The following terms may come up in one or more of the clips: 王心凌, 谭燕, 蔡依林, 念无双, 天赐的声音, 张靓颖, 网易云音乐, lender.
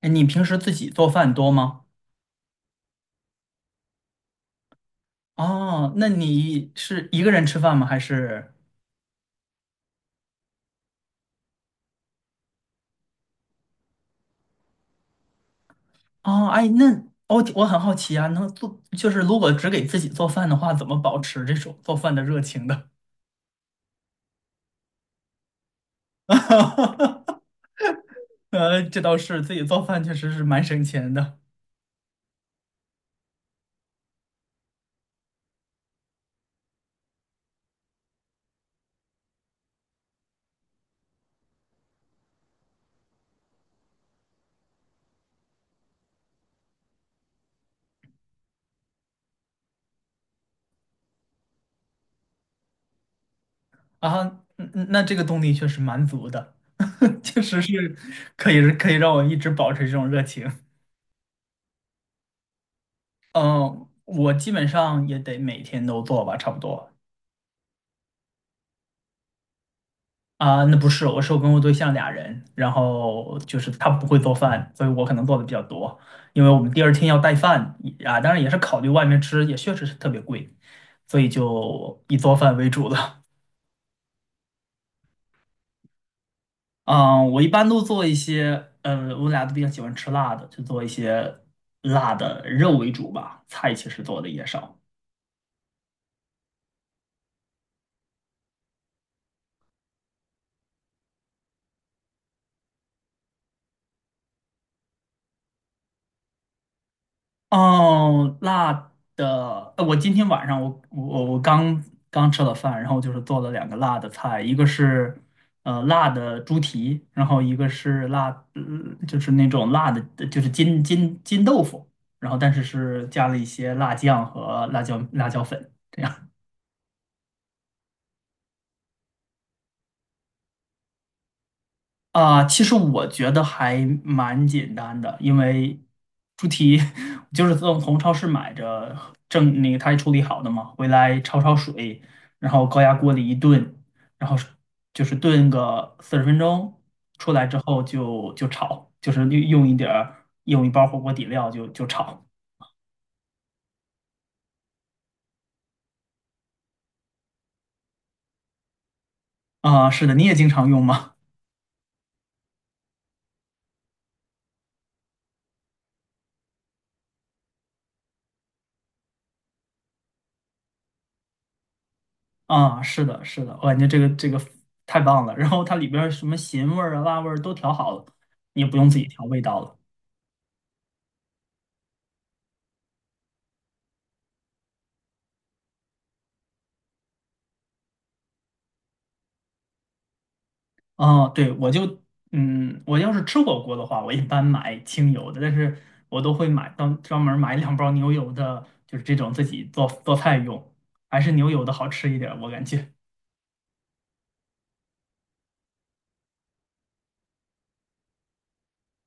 哎，你平时自己做饭多吗？哦，哎那你是一个人吃饭吗？还是。哦，哎，那我很好奇啊，能做就是如果只给自己做饭的话，怎么保持这种做饭的热情的？这倒是，自己做饭确实是蛮省钱的啊。嗯嗯，那这个动力确实蛮足的，确实是可以让我一直保持这种热情。嗯，我基本上也得每天都做吧，差不多。啊，那不是，我跟我对象俩人，然后就是他不会做饭，所以我可能做的比较多，因为我们第二天要带饭啊，当然也是考虑外面吃，也确实是特别贵，所以就以做饭为主了。嗯，我一般都做一些，我俩都比较喜欢吃辣的，就做一些辣的肉为主吧，菜其实做的也少。哦，辣的，我今天晚上我刚刚吃了饭，然后就是做了两个辣的菜，一个是辣的猪蹄，然后一个是辣，就是那种辣的，就是金豆腐，然后但是是加了一些辣酱和辣椒粉。这样。啊，其实我觉得还蛮简单的，因为猪蹄 就是从超市买着正那个它处理好的嘛，回来焯焯水，然后高压锅里一炖，然后就是炖个40分钟，出来之后就炒，就是用一包火锅底料就炒。啊，是的，你也经常用吗？啊，是的，是的，我感觉这个太棒了。然后它里边儿什么咸味儿啊、辣味儿都调好了，你也不用自己调味道了。哦，对，我就，我要是吃火锅的话，我一般买清油的，但是我都会专门买两包牛油的，就是这种自己做做菜用，还是牛油的好吃一点儿我感觉。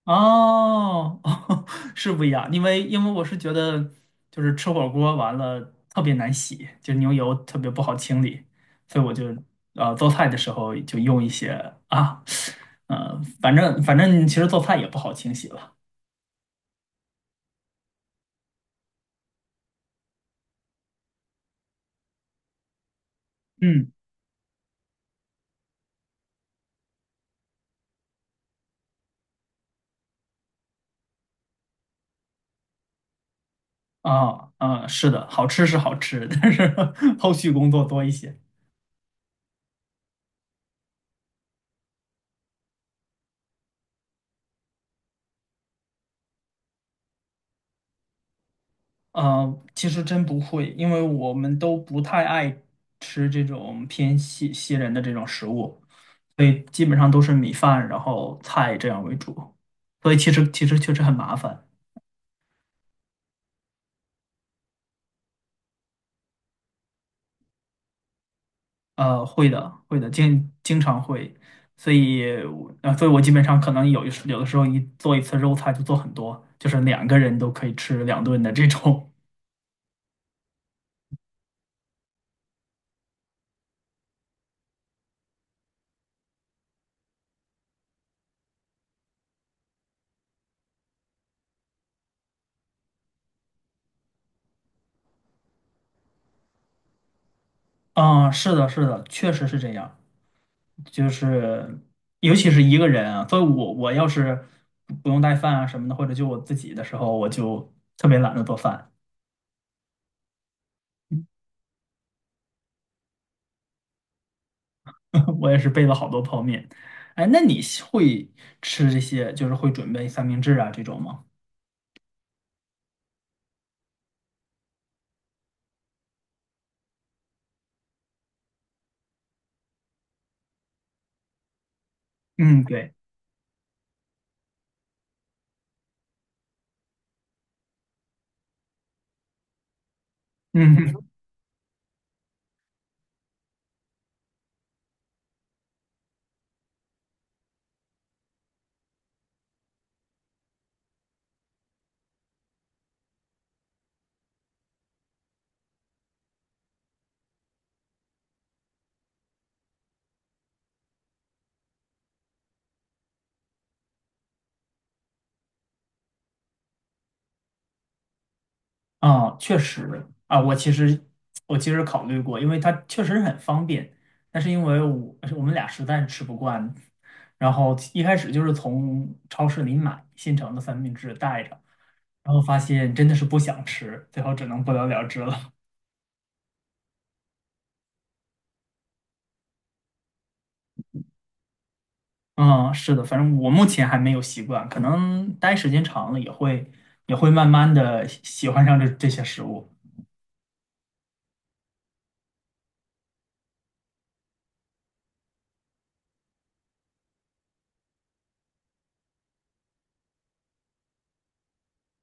哦，哦，是不一样，因为我是觉得就是吃火锅完了特别难洗，就牛油特别不好清理，所以我就做菜的时候就用一些啊，反正其实做菜也不好清洗了，嗯。啊嗯，是的，好吃是好吃，但是 后续工作多一些。啊，其实真不会，因为我们都不太爱吃这种偏西人的这种食物，所以基本上都是米饭，然后菜这样为主。所以其实确实很麻烦。会的，会的，经常会。所以我基本上可能有的时候一做一次肉菜就做很多，就是两个人都可以吃两顿的这种。啊，是的，是的，确实是这样。就是尤其是一个人啊，所以我要是不用带饭啊什么的，或者就我自己的时候，我就特别懒得做饭，我也是备了好多泡面。哎，那你会吃这些，就是会准备三明治啊这种吗？嗯，对，嗯哼。 啊，确实啊，我其实考虑过，因为它确实很方便，但是因为我们俩实在是吃不惯，然后一开始就是从超市里买现成的三明治带着。然后发现真的是不想吃，最后只能不了了之了。嗯，是的，反正我目前还没有习惯，可能待时间长了也会慢慢的喜欢上这些食物。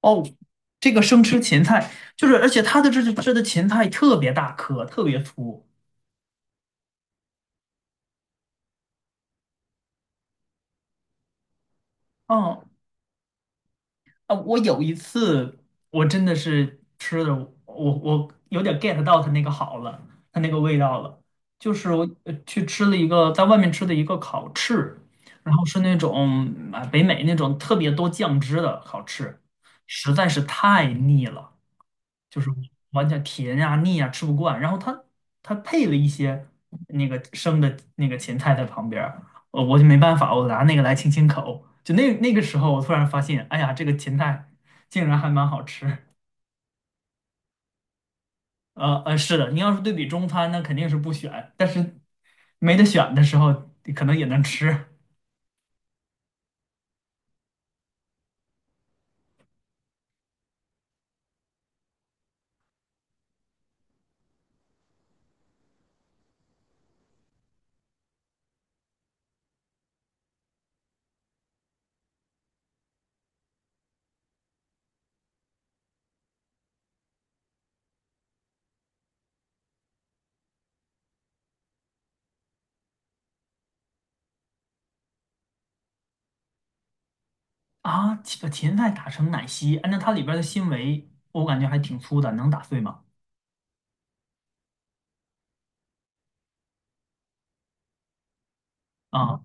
哦，这个生吃芹菜，就是而且它的这的芹菜特别大颗，特别粗。嗯。啊，我有一次我真的是吃的，我有点 get 到它那个好了，它那个味道了。就是我去吃了一个在外面吃的一个烤翅，然后是那种啊北美那种特别多酱汁的烤翅，实在是太腻了。就是完全甜呀、腻呀、吃不惯。然后它配了一些那个生的那个芹菜在旁边儿，我就没办法，我拿那个来清清口。就那个时候，我突然发现，哎呀，这个芹菜竟然还蛮好吃。是的，你要是对比中餐，那肯定是不选，但是没得选的时候，可能也能吃啊。把芹菜打成奶昔，按照它里边的纤维，我感觉还挺粗的，能打碎吗？啊、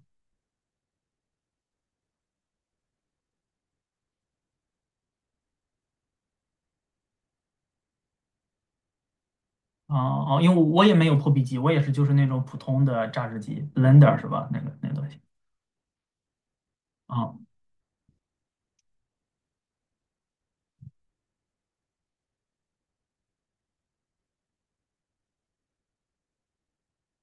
哦哦，因为我也没有破壁机，我也是就是那种普通的榨汁机 lender 是吧？那个东西。啊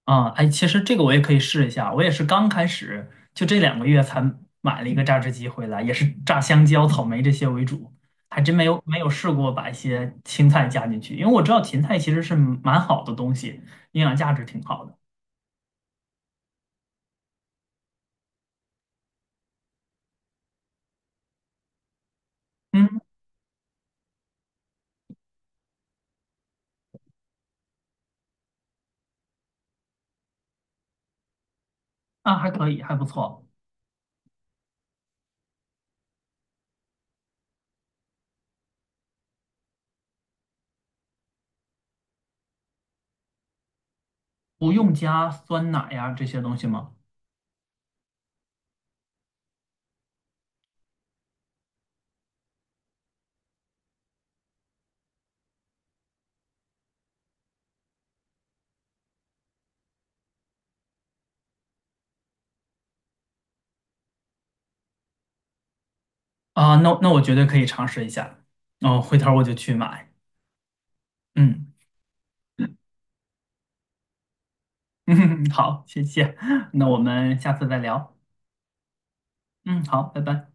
啊，哎，其实这个我也可以试一下，我也是刚开始，就这2个月才买了一个榨汁机回来，也是榨香蕉、草莓这些为主，还真没有试过把一些青菜加进去，因为我知道芹菜其实是蛮好的东西，营养价值挺好的。嗯，啊，还可以，还不错，不用加酸奶呀这些东西吗？啊，那我绝对可以尝试一下，哦，回头我就去买。嗯。嗯，好，谢谢，那我们下次再聊。嗯，好，拜拜。